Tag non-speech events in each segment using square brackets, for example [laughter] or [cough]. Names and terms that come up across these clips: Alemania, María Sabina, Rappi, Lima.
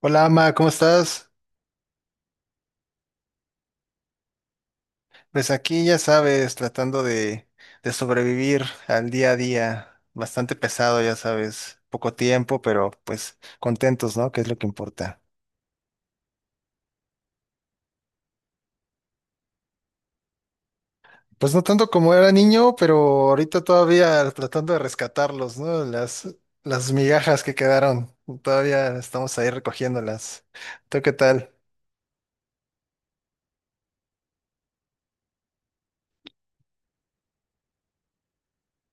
Hola, Ama, ¿cómo estás? Pues aquí ya sabes, tratando de sobrevivir al día a día, bastante pesado, ya sabes, poco tiempo, pero pues contentos, ¿no? Que es lo que importa. Pues no tanto como era niño, pero ahorita todavía tratando de rescatarlos, ¿no? Las migajas que quedaron, todavía estamos ahí recogiéndolas. ¿Tú qué tal?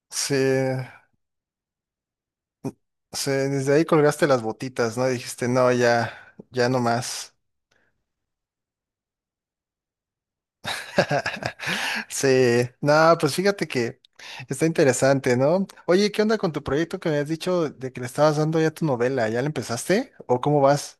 Sí, sí, desde ahí colgaste las botitas, ¿no? Dijiste, no, ya, ya no más. [laughs] Sí, no, pues fíjate que está interesante, ¿no? Oye, ¿qué onda con tu proyecto que me has dicho de que le estabas dando ya tu novela? ¿Ya la empezaste? ¿O cómo vas?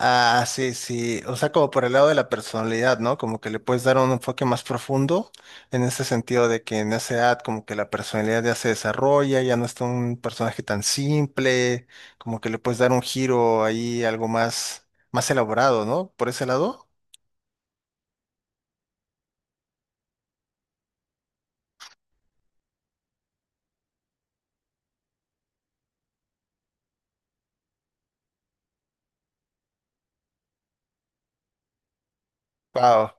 Ah, sí, sí, o sea, como por el lado de la personalidad, ¿no? Como que le puedes dar un enfoque más profundo en ese sentido de que en esa edad como que la personalidad ya se desarrolla, ya no es un personaje tan simple, como que le puedes dar un giro ahí, algo más, más elaborado, ¿no? Por ese lado. Wow.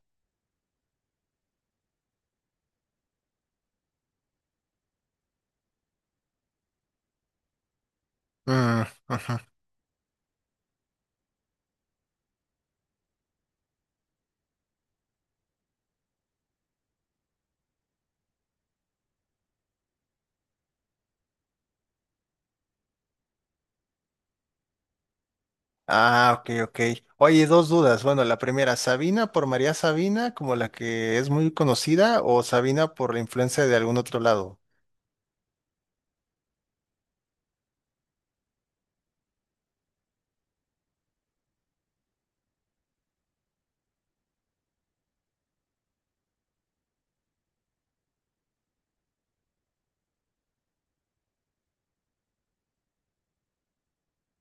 Ah, ok, ok. Oye, dos dudas. Bueno, la primera, ¿Sabina por María Sabina, como la que es muy conocida, o Sabina por la influencia de algún otro lado?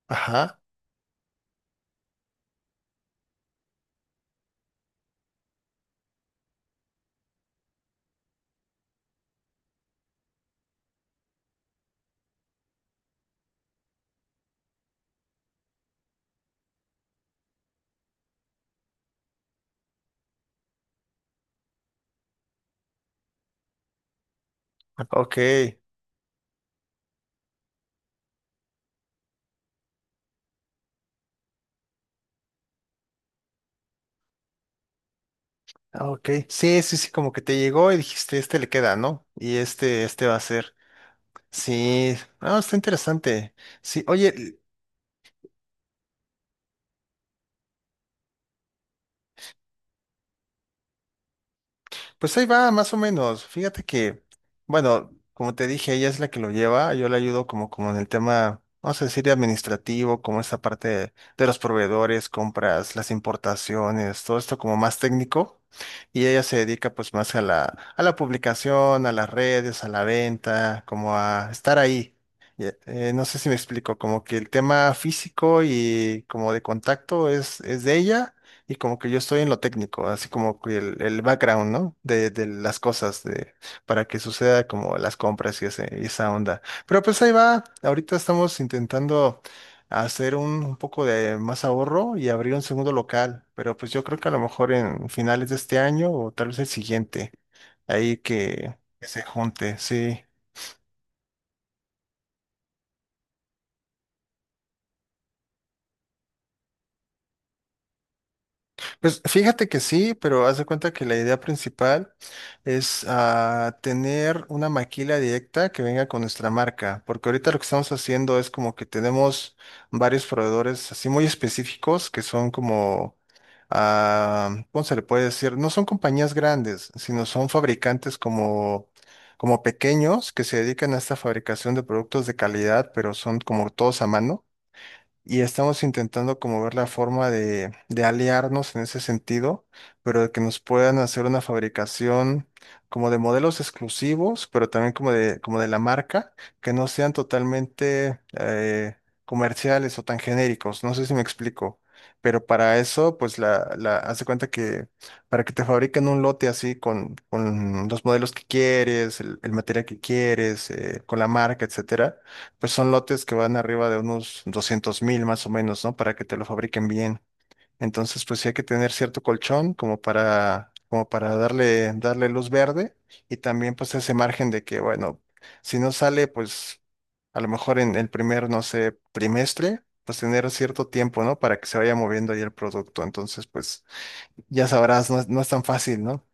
Ajá, ok, ok. Sí, sí, sí, como que te llegó y dijiste, este le queda, ¿no? Y este va a ser. Sí, ah, está interesante. Sí, oye, pues ahí va, más o menos. Fíjate que, bueno, como te dije, ella es la que lo lleva, yo le ayudo como en el tema, vamos a decir, administrativo, como esta parte de los proveedores, compras, las importaciones, todo esto como más técnico. Y ella se dedica pues más a a la publicación, a las redes, a la venta, como a estar ahí. Y, no sé si me explico, como que el tema físico y como de contacto es de ella y como que yo estoy en lo técnico, así como que el background, ¿no? De las cosas, de, para que suceda como las compras y, y esa onda. Pero pues ahí va, ahorita estamos intentando hacer un poco de más ahorro y abrir un segundo local, pero pues yo creo que a lo mejor en finales de este año o tal vez el siguiente, ahí que se junte, sí. Pues fíjate que sí, pero haz de cuenta que la idea principal es tener una maquila directa que venga con nuestra marca, porque ahorita lo que estamos haciendo es como que tenemos varios proveedores así muy específicos que son como, ah, ¿cómo se le puede decir? No son compañías grandes, sino son fabricantes como, como pequeños que se dedican a esta fabricación de productos de calidad, pero son como todos a mano y estamos intentando como ver la forma de aliarnos en ese sentido, pero de que nos puedan hacer una fabricación como de modelos exclusivos, pero también como de la marca, que no sean totalmente comerciales o tan genéricos. No sé si me explico. Pero para eso, pues haz de cuenta que para que te fabriquen un lote así con los modelos que quieres, el material que quieres, con la marca, etcétera, pues son lotes que van arriba de unos 200,000 más o menos, ¿no? Para que te lo fabriquen bien. Entonces, pues sí hay que tener cierto colchón como para, como para darle luz verde y también pues ese margen de que, bueno, si no sale, pues a lo mejor en el primer, no sé, trimestre, pues tener cierto tiempo, ¿no? Para que se vaya moviendo ahí el producto. Entonces, pues ya sabrás, no, no es tan fácil, ¿no?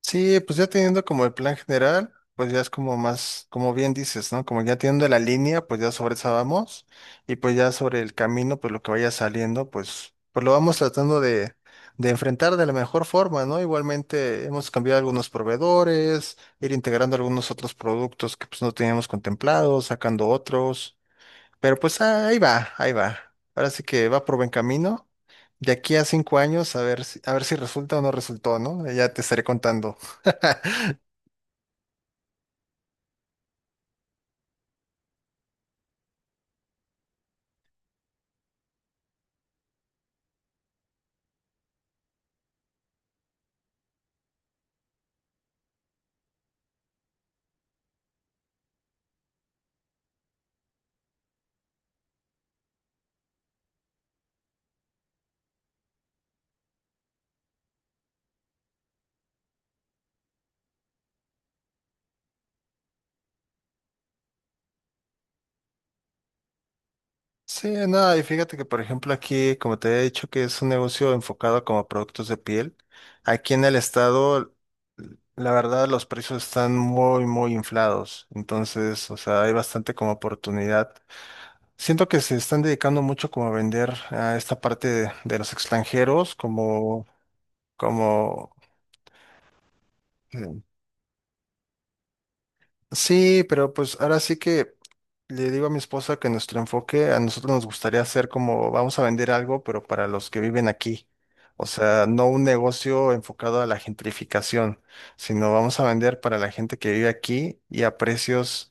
Sí, pues ya teniendo como el plan general, pues ya es como más, como bien dices, ¿no? Como ya teniendo la línea, pues ya sobre esa vamos y pues ya sobre el camino, pues lo que vaya saliendo, pues, pues lo vamos tratando de enfrentar de la mejor forma, ¿no? Igualmente hemos cambiado algunos proveedores, ir integrando algunos otros productos que pues no teníamos contemplados, sacando otros. Pero pues ahí va, ahí va. Ahora sí que va por buen camino. De aquí a 5 años, a ver si resulta o no resultó, ¿no? Ya te estaré contando. [laughs] Sí, no, y fíjate que, por ejemplo, aquí, como te he dicho, que es un negocio enfocado como a productos de piel. Aquí en el estado, la verdad, los precios están muy, muy inflados. Entonces, o sea, hay bastante como oportunidad. Siento que se están dedicando mucho como a vender a esta parte de los extranjeros, como, como Mm. Sí, pero pues ahora sí que le digo a mi esposa que nuestro enfoque a nosotros nos gustaría hacer como vamos a vender algo, pero para los que viven aquí. O sea, no un negocio enfocado a la gentrificación, sino vamos a vender para la gente que vive aquí y a precios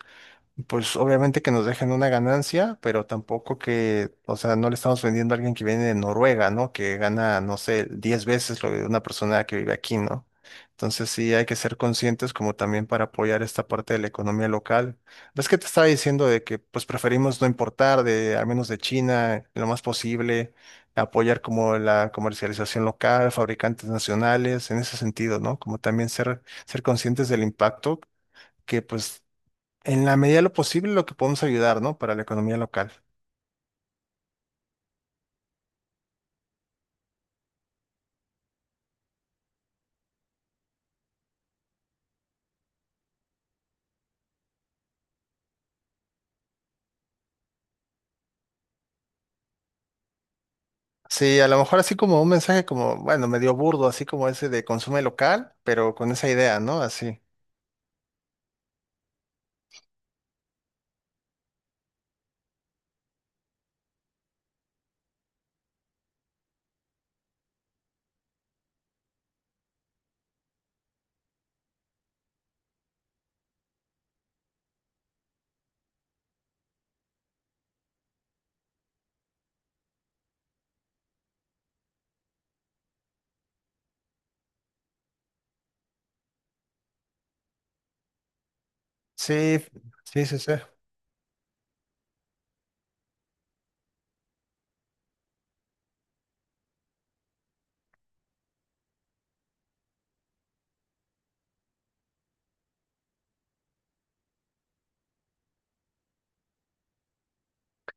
pues obviamente que nos dejen una ganancia, pero tampoco que, o sea, no le estamos vendiendo a alguien que viene de Noruega, ¿no? Que gana, no sé, 10 veces lo de una persona que vive aquí, ¿no? Entonces sí hay que ser conscientes como también para apoyar esta parte de la economía local. ¿Ves que te estaba diciendo de que pues preferimos no importar de, al menos de China, lo más posible, apoyar como la comercialización local, fabricantes nacionales, en ese sentido, ¿no? Como también ser conscientes del impacto que pues en la medida de lo posible, lo que podemos ayudar, ¿no? Para la economía local. Sí, a lo mejor así como un mensaje como, bueno, medio burdo, así como ese de consume local, pero con esa idea, ¿no? Así. Sí, sí, sí, sí.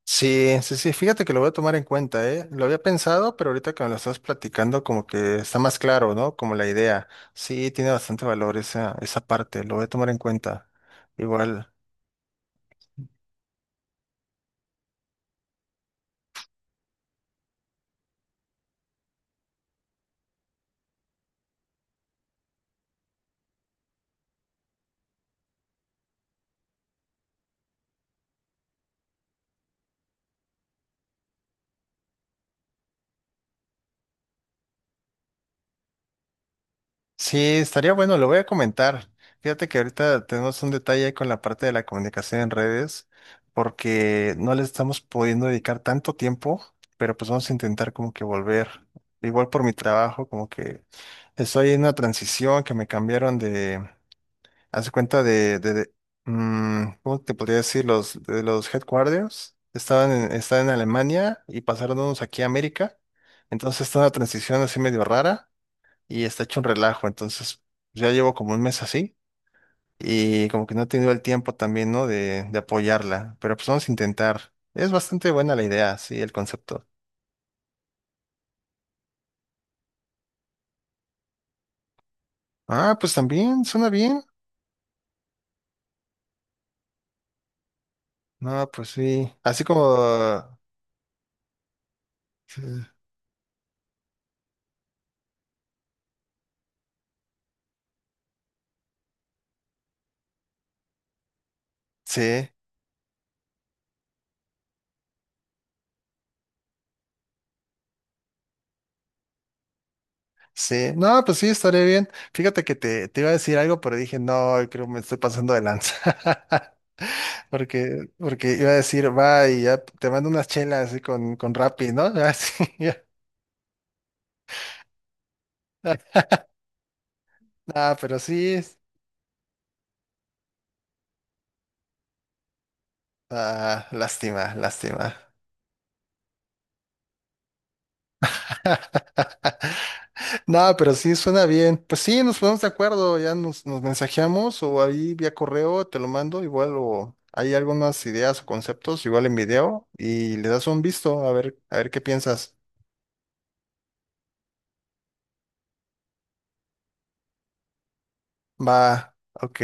Sí, sí, sí, fíjate que lo voy a tomar en cuenta, ¿eh? Lo había pensado, pero ahorita que me lo estás platicando, como que está más claro, ¿no? Como la idea. Sí, tiene bastante valor esa, esa parte, lo voy a tomar en cuenta. Igual. Sí, estaría bueno, lo voy a comentar. Fíjate que ahorita tenemos un detalle ahí con la parte de la comunicación en redes, porque no le estamos pudiendo dedicar tanto tiempo, pero pues vamos a intentar como que volver. Igual por mi trabajo, como que estoy en una transición que me cambiaron de, hace cuenta de ¿cómo te podría decir? Los, de los headquarters. Estaban en, estaban en Alemania y pasaron unos aquí a América. Entonces está una transición así medio rara y está hecho un relajo. Entonces, pues, ya llevo como un mes así y como que no he tenido el tiempo también, ¿no? De apoyarla, pero pues vamos a intentar. Es bastante buena la idea, sí, el concepto. Ah, pues también, suena bien. No, pues sí. Así como... Sí, sí. Sí. No, pues sí, estaría bien. Fíjate que te iba a decir algo, pero dije, no, creo que me estoy pasando de lanza. [laughs] Porque iba a decir, va y ya te mando unas chelas así con Rappi, ¿no? [laughs] Así, ya. [laughs] Ah, pero sí. Ah, lástima, lástima. [laughs] No, pero sí suena bien. Pues sí, nos ponemos de acuerdo, ya nos mensajeamos o ahí vía correo te lo mando, igual o hay algunas ideas o conceptos, igual en video y le das un visto a ver qué piensas. Va, ok.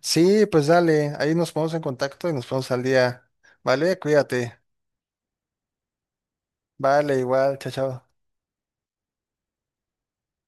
Sí, pues dale, ahí nos ponemos en contacto y nos ponemos al día. Vale, cuídate. Vale, igual, chao, chao.